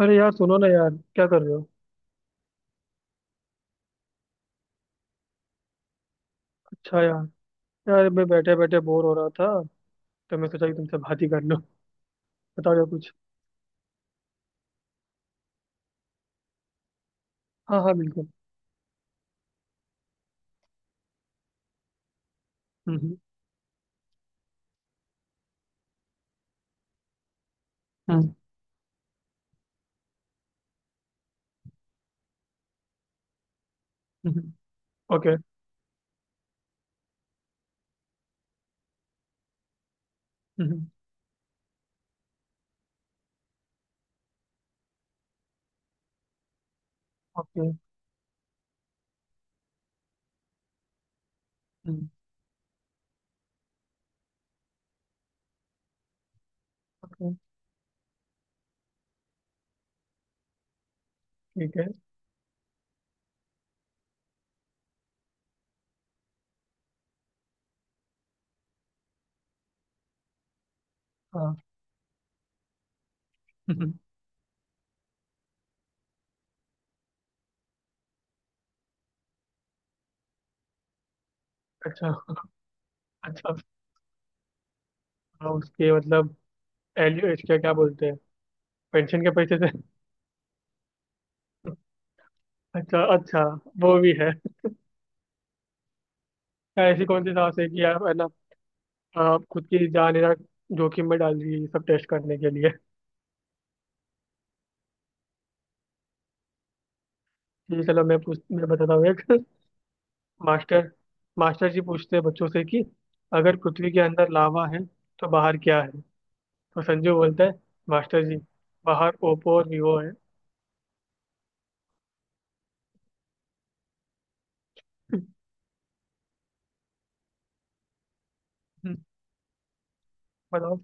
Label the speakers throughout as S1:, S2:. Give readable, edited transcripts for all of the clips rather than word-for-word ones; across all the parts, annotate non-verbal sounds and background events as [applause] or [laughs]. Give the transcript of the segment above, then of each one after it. S1: अरे यार सुनो ना यार। क्या कर रहे हो? अच्छा यार। यार, मैं बैठे बैठे बोर हो रहा था तो मैं सोचा कि तुमसे बात ही कर लूं। बताओ यार कुछ। हाँ, हाँ, बिल्कुल। हम्म, हम्म। हम्म, हम्म। हम्म। ओके। हम्म, हम्म। ओके। हम्म। ओके। ठीक है। हाँ। हम्म, हम्म। अच्छा, अच्छा। हाँ, उसके मतलब। एलियो इसके क्या बोलते हैं? पेंशन के पैसे से। अच्छा, अच्छा। वो भी है। यार, ऐसी कौन सी सांस है कि आप है ना, आप खुद की जान है ना जोखिम में डाल रही है ये सब टेस्ट करने के लिए। ठीक है, चलो मैं बताता हूँ एक। मास्टर मास्टर जी पूछते हैं बच्चों से कि अगर पृथ्वी के अंदर लावा है तो बाहर क्या है। तो संजू बोलता है, मास्टर जी, बाहर ओप्पो और वीवो है। [laughs] बताओ।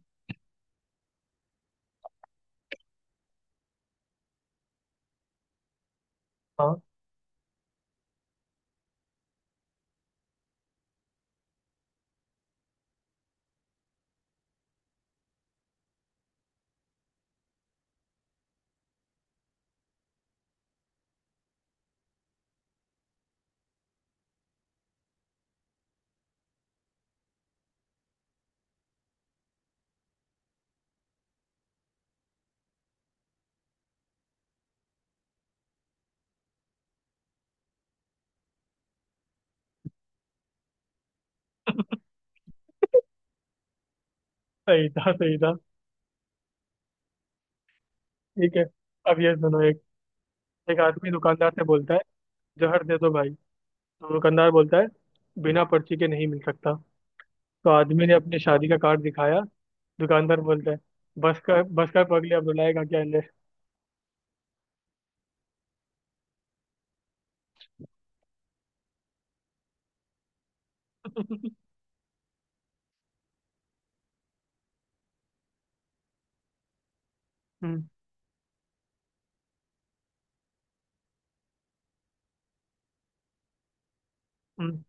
S1: हाँ। सही था, सही था। ठीक है, अब ये सुनो एक। एक आदमी दुकानदार से बोलता है, जहर दे दो भाई। तो दुकानदार बोलता है, बिना पर्ची के नहीं मिल सकता। तो आदमी ने अपनी शादी का कार्ड दिखाया। दुकानदार बोलता है, बस का पगले, अब रुलाएगा क्या? ले। [laughs] हम्म, हम्म,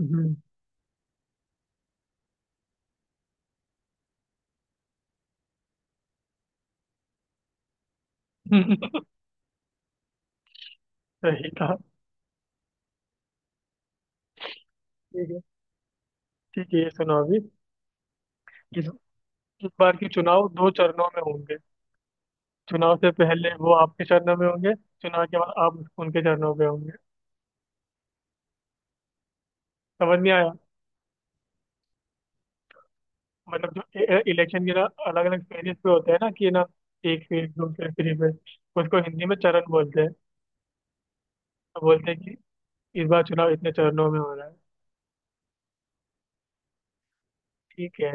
S1: हम्म। [laughs] सही था। ठीक है, ये सुनो अभी। इस, इस बार के चुनाव दो चरणों में होंगे। चुनाव से पहले वो आपके चरणों में होंगे, चुनाव के बाद आप उनके चरणों में होंगे। समझ नहीं आया? मतलब जो इलेक्शन के ना अलग अलग फेजेस पे होते हैं ना, कि ना एक फेज, दो फेज, थ्री फेज, उसको हिंदी में चरण बोलते हैं। तो बोलते हैं कि इस बार चुनाव इतने चरणों में हो रहा है। ठीक है।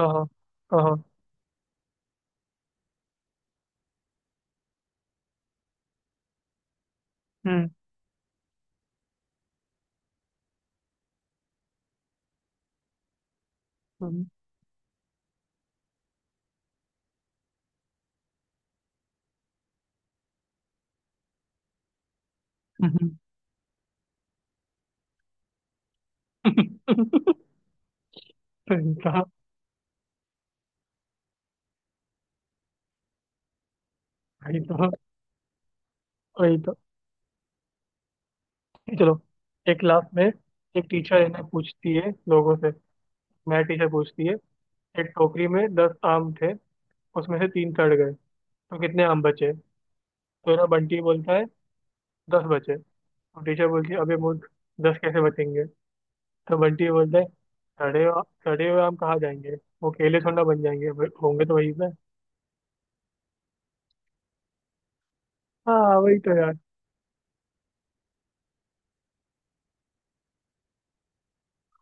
S1: हाँ, हाँ, हाँ, हाँ। हम्म, हम्म। हम्म। [laughs] सही था। वही तो। वही तो। चलो, एक क्लास में एक टीचर इन्हें पूछती है लोगों से, मैथ टीचर पूछती है, एक टोकरी में 10 आम थे, उसमें से तीन सड़ गए, तो कितने आम बचे? तो ना बंटी बोलता है 10 बचे। तो टीचर बोलती है, अबे मूर्ख, 10 कैसे बचेंगे? तो बंटी बोलता है, सड़े हुए आम कहाँ जाएंगे? वो केले थोड़ा बन जाएंगे? होंगे तो वही पे। हाँ वही तो यार।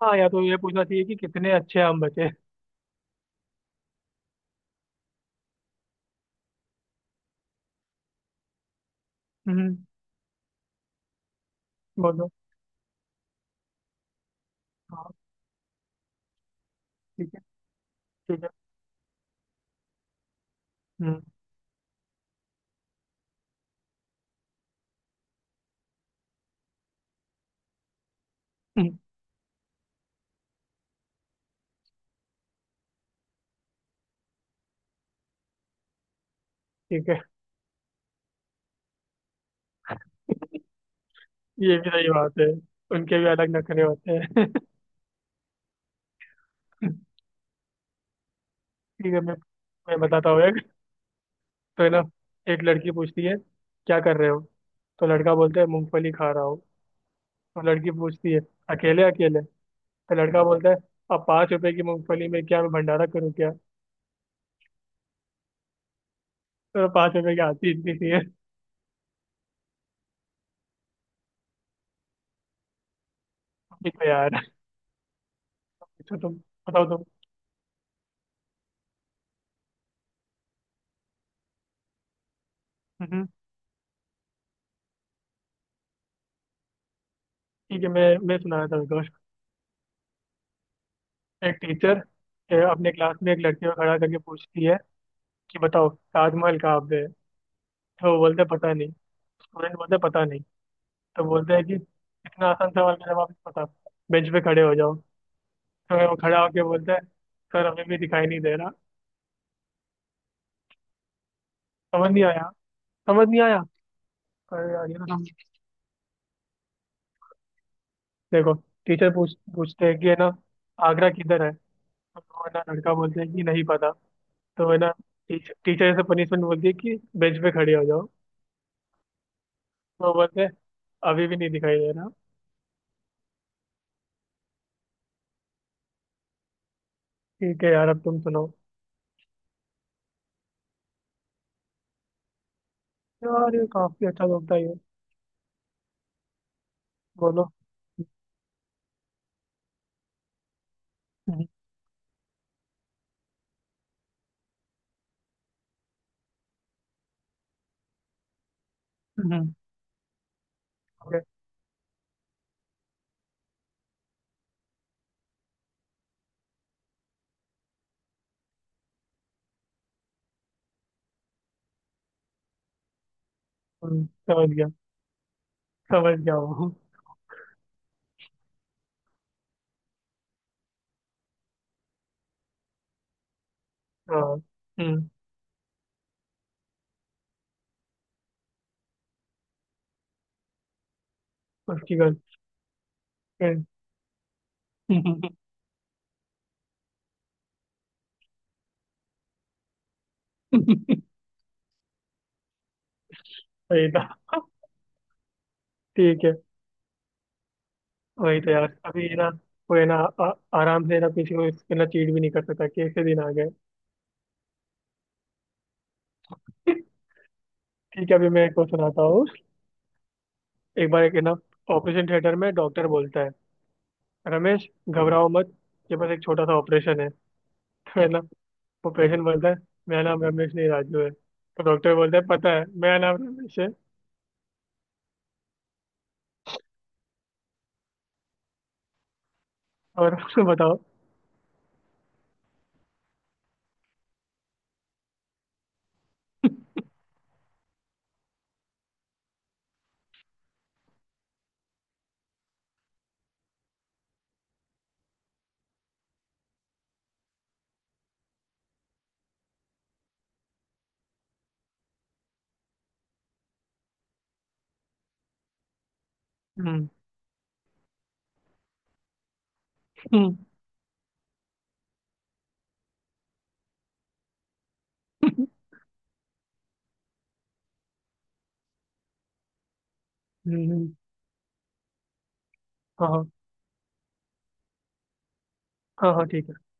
S1: हाँ, या तो ये पूछना चाहिए कि कितने अच्छे आम बचे। हम्म। बोलो। हाँ। ठीक है। ठीक है। हम्म, हम्म। ठीक है, ये भी सही बात है। उनके भी अलग नखरे होते हैं। [laughs] ठीक है, मैं बताता हूँ एक। तो है ना, एक लड़की पूछती है, क्या कर रहे हो? तो लड़का बोलता है, मूंगफली खा रहा हूँ। तो लड़की पूछती है, अकेले अकेले? तो लड़का बोलता है, अब 5 रुपए की मूंगफली में क्या मैं भंडारा करूँ क्या? तो 5 रुपए की आती इतनी सी है। [laughs] ठीक है यार। अच्छा तुम, बताओ तुम। हम्म। ठीक है, मैं सुना रहा था दोस्त। एक टीचर अपने क्लास में एक लड़की को खड़ा करके पूछती है कि बताओ ताजमहल कहाँ पे है। तो वो बोलते हैं पता नहीं। स्टूडेंट बोलते हैं पता नहीं। तो बोलते हैं कि इतना आसान सवाल का जवाब नहीं पता, बेंच पे खड़े हो जाओ। तो वो खड़ा होके बोलता है, सर हमें भी दिखाई नहीं दे रहा। समझ नहीं आया? समझ नहीं आया। अरे यार, ये ना देखो, टीचर पूछते हैं कि है ना आगरा किधर है। तो वो है ना लड़का बोलता है कि नहीं पता। तो है ना टीचर टीचर से पनिशमेंट बोलती है कि बेंच पे खड़े हो जाओ। तो वो बोलते हैं अभी भी नहीं दिखाई दे रहा। ठीक है यार, अब तुम सुनाओ। यार ये काफी अच्छा लगता है ये। बोलो। हम्म, हम्म, okay, हम्म। समझ गया। समझ गया वो। हाँ। हम्म। उसकी गलती है। [laughs] सही था। ठीक है। वही तो यार। अभी ना कोई ना आ, आराम से ना किसी को इसके ना चीट भी नहीं कर सकता। कैसे दिन आ गए। ठीक है, अभी मैं एक को सुनाता हूँ। एक बार, एक है ना, ऑपरेशन थिएटर में डॉक्टर बोलता है, रमेश घबराओ मत, ये बस एक छोटा सा ऑपरेशन है। तो है ना वो पेशेंट बोलता है, मेरा नाम रमेश नहीं राजू है। तो डॉक्टर बोलता है, पता है, मेरा नाम रमेश है। और [laughs] बताओ। हम्म, हम्म, हम्म। हम्म। हाँ, हाँ। हाँ, हाँ, ठीक है।